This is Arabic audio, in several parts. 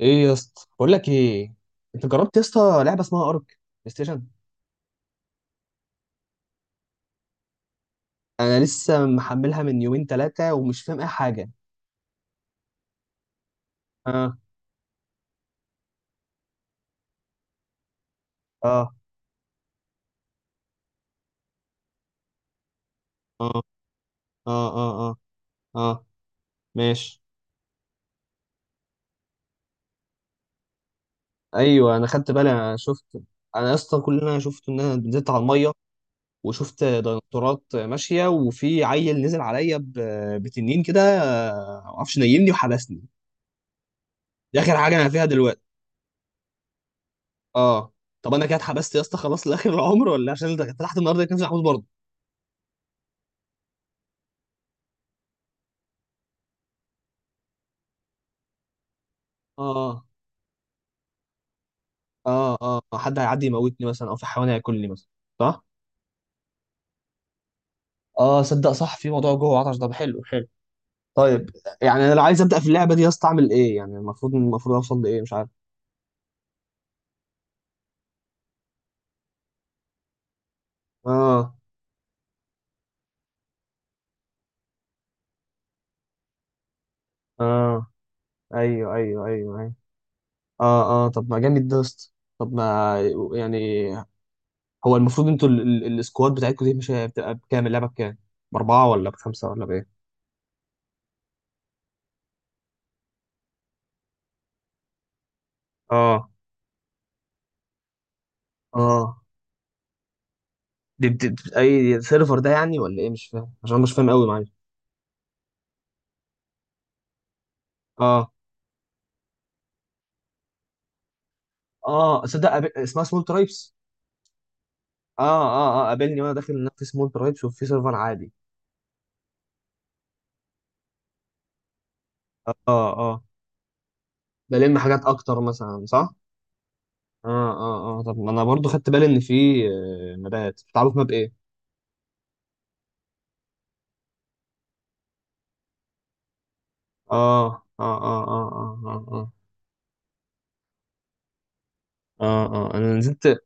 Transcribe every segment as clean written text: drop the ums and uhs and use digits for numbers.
ايه يا اسطى، بقول لك ايه. انت جربت يا اسطى لعبه اسمها ارك؟ بلاي ستيشن. انا لسه محملها من يومين ثلاثه ومش فاهم اي حاجه. اه، اه، اه، اه، اه، اه، اه، ماشي. ايوه، انا خدت بالي، انا شفت. انا يا اسطى كل اللي انا شفته، ان انا نزلت على الميه وشفت ديناصورات ماشيه، وفي عيل نزل عليا بتنين كده. ما اعرفش، نيمني وحبسني. دي اخر حاجه انا فيها دلوقتي. اه. طب انا كده اتحبست يا اسطى خلاص لاخر العمر؟ ولا عشان ده فتحت النهارده كان محبوس برضه؟ اه، اه، اه، حد هيعدي يموتني مثلا، او في حيوان هياكلني مثلا. صح. اه، صدق، صح، في موضوع جوه العطش ده، حلو حلو. طيب. يعني انا لو عايز ابدا في اللعبه دي يا اسطى اعمل ايه؟ يعني المفروض اوصل لايه؟ مش عارف. اه، اه، ايوه، ايوه، ايوه، ايوه. اه، اه، طب ما جامد ده يا اسطى. طب ما يعني هو المفروض انتوا السكواد بتاعتكم دي مش هي- بتبقى بكام؟ اللعبه بكام؟ باربعه ولا بخمسه ولا بايه؟ اه، اه. دي اي سيرفر ده يعني ولا ايه؟ مش فاهم، عشان أنا مش فاهم قوي معايا. اه، اه، صدق، اسمها سمول ترايبس. اه، اه، اه، قابلني وانا داخل إنها في سمول ترايبس وفي سيرفر عادي. اه، اه، بلم حاجات اكتر مثلا، صح؟ اه، اه، اه، طب ما انا برضو خدت بالي ان في... مبات، بتعرف ماب ايه؟ اه، اه، اه، اه، اه، اه. اه، اه، انا نزلت. اه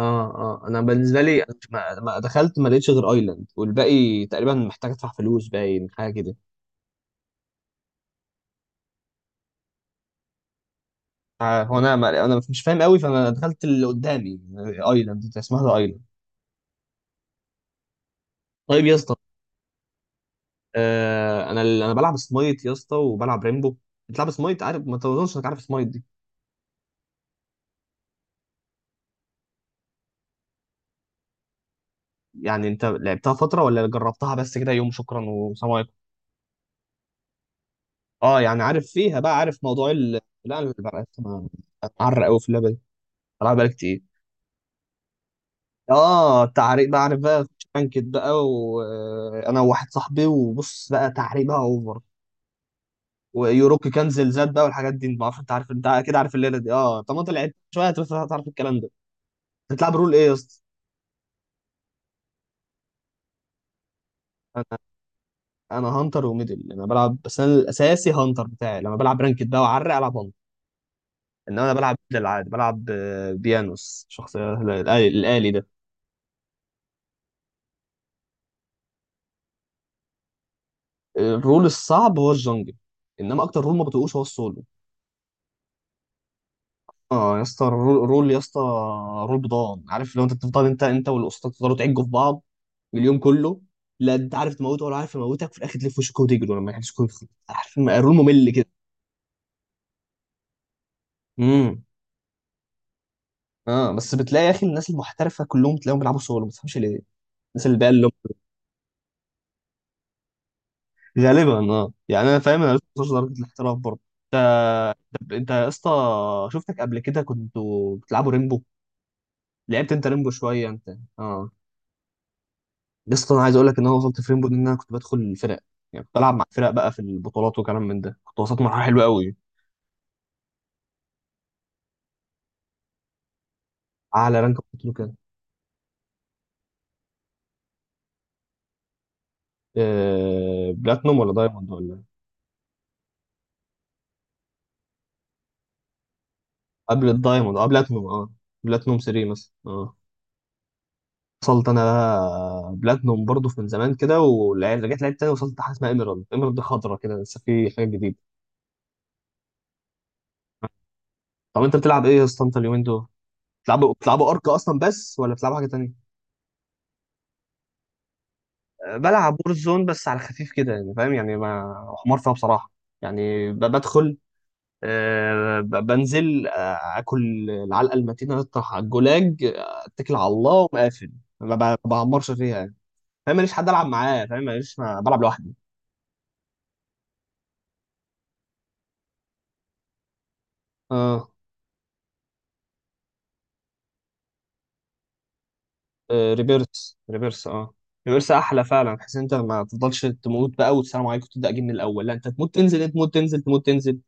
اه. انا بالنسبه لي، أنا ما دخلت، ما لقيتش غير ايلاند، والباقي تقريبا محتاج ادفع فلوس، باين حاجه كده. هو انا ما... انا مش فاهم قوي، فانا دخلت اللي قدامي. ايلاند، اسمها ده ايلاند. طيب يا اسطى. انا انا بلعب سمايت يا اسطى، وبلعب ريمبو. بتلعب سمايت؟ عارف، ما تظنش انك عارف سمايت دي. يعني انت لعبتها فتره ولا جربتها بس كده يوم، شكرا وسلام عليكم؟ اه، يعني عارف فيها بقى، عارف موضوع لا، انا بقى معرق قوي في اللعبه دي، بلعب بقالي كتير. اه، تعريق بقى، عارف بقى. بانكت بقى وانا وواحد صاحبي، وبص بقى، تعريق بقى اوفر. ويوروك كان زلزال بقى والحاجات دي، ما اعرفش، انت عارف، انت اكيد عارف الليله دي. اه، طب ما انت لعبت شويه هتعرف الكلام ده. بتلعب رول ايه يا اسطى؟ انا هانتر وميدل انا بلعب، بس انا الاساسي هانتر بتاعي لما بلعب رانكد بقى وعرق العب هانتر. انما انا بلعب ميدل عادي، بلعب بيانوس، شخصيه الالي ده. الرول الصعب هو الجنجل. انما اكتر رول ما بتقوش هو السولو. اه يا اسطى، الرول رول يا اسطى. رول بضان، عارف لو انت بتفضل انت والاسطى تفضلوا تعجوا في بعض اليوم كله. لا انت عارف تموته ولا عارف يموتك، في الاخر تلف وشك وتجروا لما يحدش كله يدخل. عارف الرول ممل كده. امم. اه، بس بتلاقي يا اخي، الناس المحترفه كلهم تلاقيهم بيلعبوا سولو، ما تفهمش ليه. الناس اللي بقى، اللي... غالبا، اه، يعني انا فاهم، انا لسه ما وصلتش لدرجه الاحتراف برضه. انت... طب انت يا اسطى، شفتك قبل كده كنتوا بتلعبوا ريمبو. لعبت انت ريمبو شويه، انت؟ اه يا اسطى، انا عايز اقول لك ان انا وصلت في ريمبو دي ان انا كنت بدخل الفرق. يعني كنت بلعب مع الفرق بقى في البطولات وكلام من ده، كنت وصلت مرحله حلوه قوي. اعلى رانك كنت له، كان... بلاتنوم ولا دايموند ولا... قبل الدايموند، اه، بلاتنوم، اه. بلاتنوم 3 مثلا، اه. وصلت انا بقى بلاتنوم برضه من زمان كده، ورجعت لعبت تاني، وصلت حاجه اسمها ايميرالد، ايميرالد دي خضرا كده، لسه في حاجه جديده. طب انت بتلعب ايه يا اسطى انت اليومين دول؟ بتلعبوا ارك اصلا بس، ولا بتلعبوا حاجه تانية؟ بلعب وور زون، بس على خفيف كده يعني، فاهم يعني، ما... حمار فيها بصراحه. يعني بدخل، بنزل، اكل العلقه المتينه، اطرح على الجولاج، اتكل على الله ومقافل. ما بعمرش فيها يعني. فاهم، ماليش حد العب معاه، فاهم، ماليش، ما بلعب لوحدي. اه. ريبيرس، اه. ريبيرس احلى فعلا، بحيث ان انت ما تفضلش تموت بقى والسلام عليكم تبدا جيم من الاول. لا، انت تموت تنزل، تموت تنزل، تموت تنزل.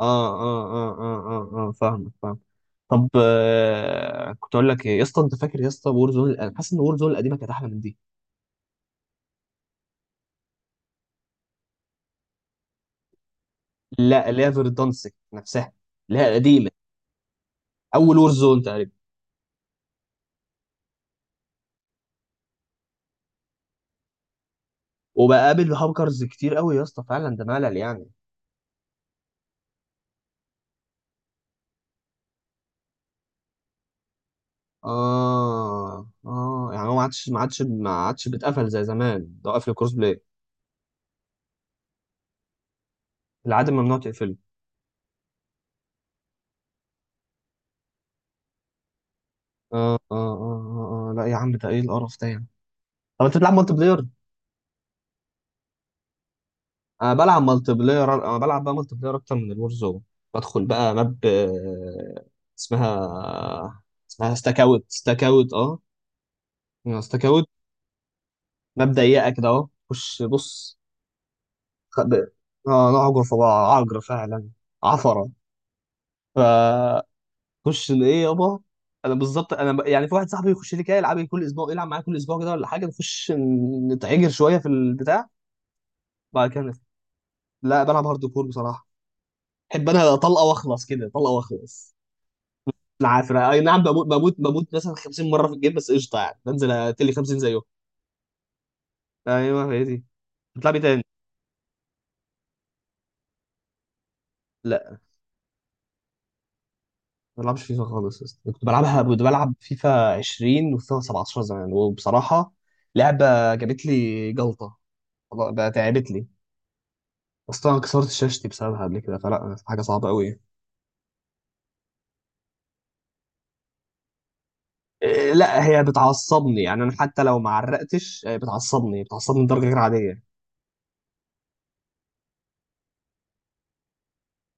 اه، اه، اه، اه، اه، اه، فاهمك، فاهم. طب، كنت اقول لك ايه يا اسطى. انت فاكر يا اسطى وور زون؟ انا حاسس ان وور زون القديمه كانت احلى من دي. لا، اللي هي فيردانسك نفسها، اللي هي القديمه، اول وور زون تقريبا. وبقابل هاكرز كتير قوي يا اسطى، فعلا ده ملل يعني. اه، اه، يعني هو ما عادش بيتقفل زي زمان، ده قفل الكروس بلاي. العادم ممنوع تقفله. اه، اه، اه، اه، لا يا عم، ده ايه القرف ده يعني؟ طب انت بتلعب مالتي بلاير؟ انا بلعب مالتي بلاير، انا بلعب بقى مالتي بلاير اكتر من الور زون. بدخل بقى ماب، اسمها... اسمها ستاك اوت، ستاك اوت، اه. ستاك اوت. ماب ضيقه كده، اهو، خش، بص. خ- ب- اه، نعجر في بعض، عجر فعلا. عفره. فخش. ايه يابا. انا بالظبط انا يعني في واحد صاحبي يخش لي كده، يلعب كل اسبوع، يلعب معايا كل اسبوع كده ولا حاجه، نخش نتعجر شويه في البتاع. بعد كده لا، بلعب هارد كور بصراحه. احب انا طلقه واخلص، كده طلقه واخلص. العافية، اي نعم، بموت، بموت، بموت مثلا 50 مرة في الجيم، بس قشطة، يعني بنزل اتلي 50 زيهم. ايوه، هي دي. بتلعبي تاني؟ لا، ما بلعبش فيفا خالص يا اسطى. كنت بلعبها، كنت بلعب فيفا 20 وفيفا 17 زمان، وبصراحة لعبة جابت لي جلطة. والله بقى تعبت لي. اصلا انا كسرت شاشتي بسببها قبل كده، فلا، حاجة صعبة قوي. لا، هي بتعصبني يعني، انا حتى لو ما عرقتش بتعصبني لدرجة غير عادية.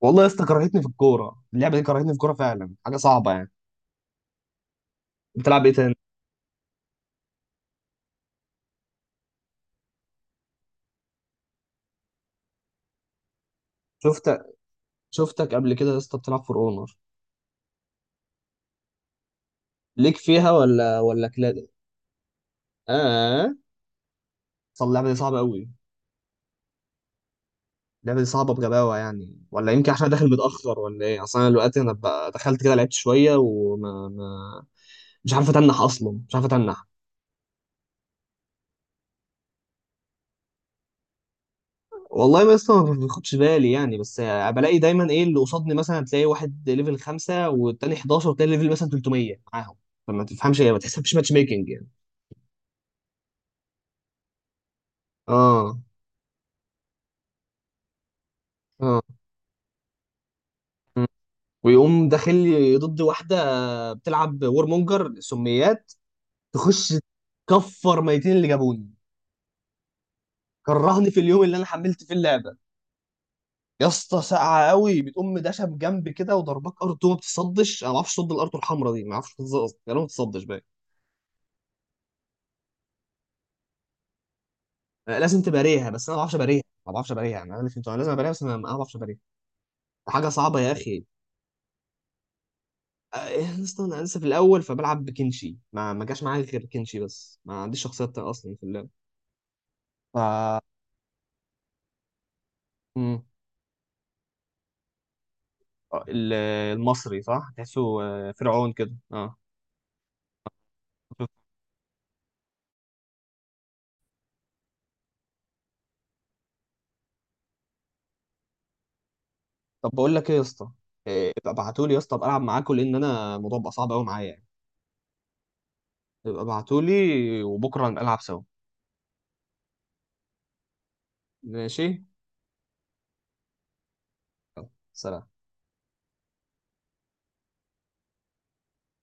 والله يا اسطى كرهتني في الكورة اللعبة دي، كرهتني في الكورة فعلا، حاجة صعبة يعني. بتلعب ايه تاني؟ شفت... شفتك قبل كده يا اسطى بتلعب فور اونر. ليك فيها ولا كلاد؟ اه، صل اللعبه دي صعبه قوي. اللعبه دي صعبه بغباوه يعني، ولا يمكن عشان أنا داخل متاخر ولا ايه. اصل انا دلوقتي انا بقى دخلت كده لعبت شويه وما ما مش عارف اتنح اصلا، مش عارف اتنح. والله ما، لسه ما باخدش بالي يعني، بس بلاقي دايما ايه اللي قصادني، مثلا تلاقي واحد ليفل 5 والتاني 11، وتلاقي ليفل مثلا 300 معاهم. فما تفهمش، هي ما تحسبش ماتش ميكنج يعني. اه، اه. مم. ويقوم داخل لي ضد واحده. بتلعب وورمونجر سميات، تخش، تكفر ميتين اللي جابوني. كرهني في اليوم اللي انا حملت فيه اللعبه. يا اسطى ساقعه قوي، بتقوم داشه بجنب كده وضربك ار2، ما بتصدش، انا ما بعرفش اصد الار2 الحمراء دي، ما بعرفش اصد يعني، ما بتصدش بقى. أنا لازم تباريها بس انا ما بعرفش اباريها، ما بعرفش اباريها يعني. انا عارف انتوا أنا لازم اباريها بس انا ما بعرفش اباريها. حاجه صعبه يا اخي. يا اسطى انا لسه في الاول، فبلعب بكنشي، ما جاش معايا غير كنشي بس، ما عنديش شخصيات تانية اصلا في اللعبه. ف... مم. ال- المصري، صح، تحسه فرعون كده، اه. طب بقول لك ايه يا اسطى. ابقى ابعتولي يا اسطى ابقى العب معاكم، لان انا الموضوع بقى صعب قوي معايا يعني. ابقى ابعتولي وبكره نبقى نلعب سوا. ماشي. سلام.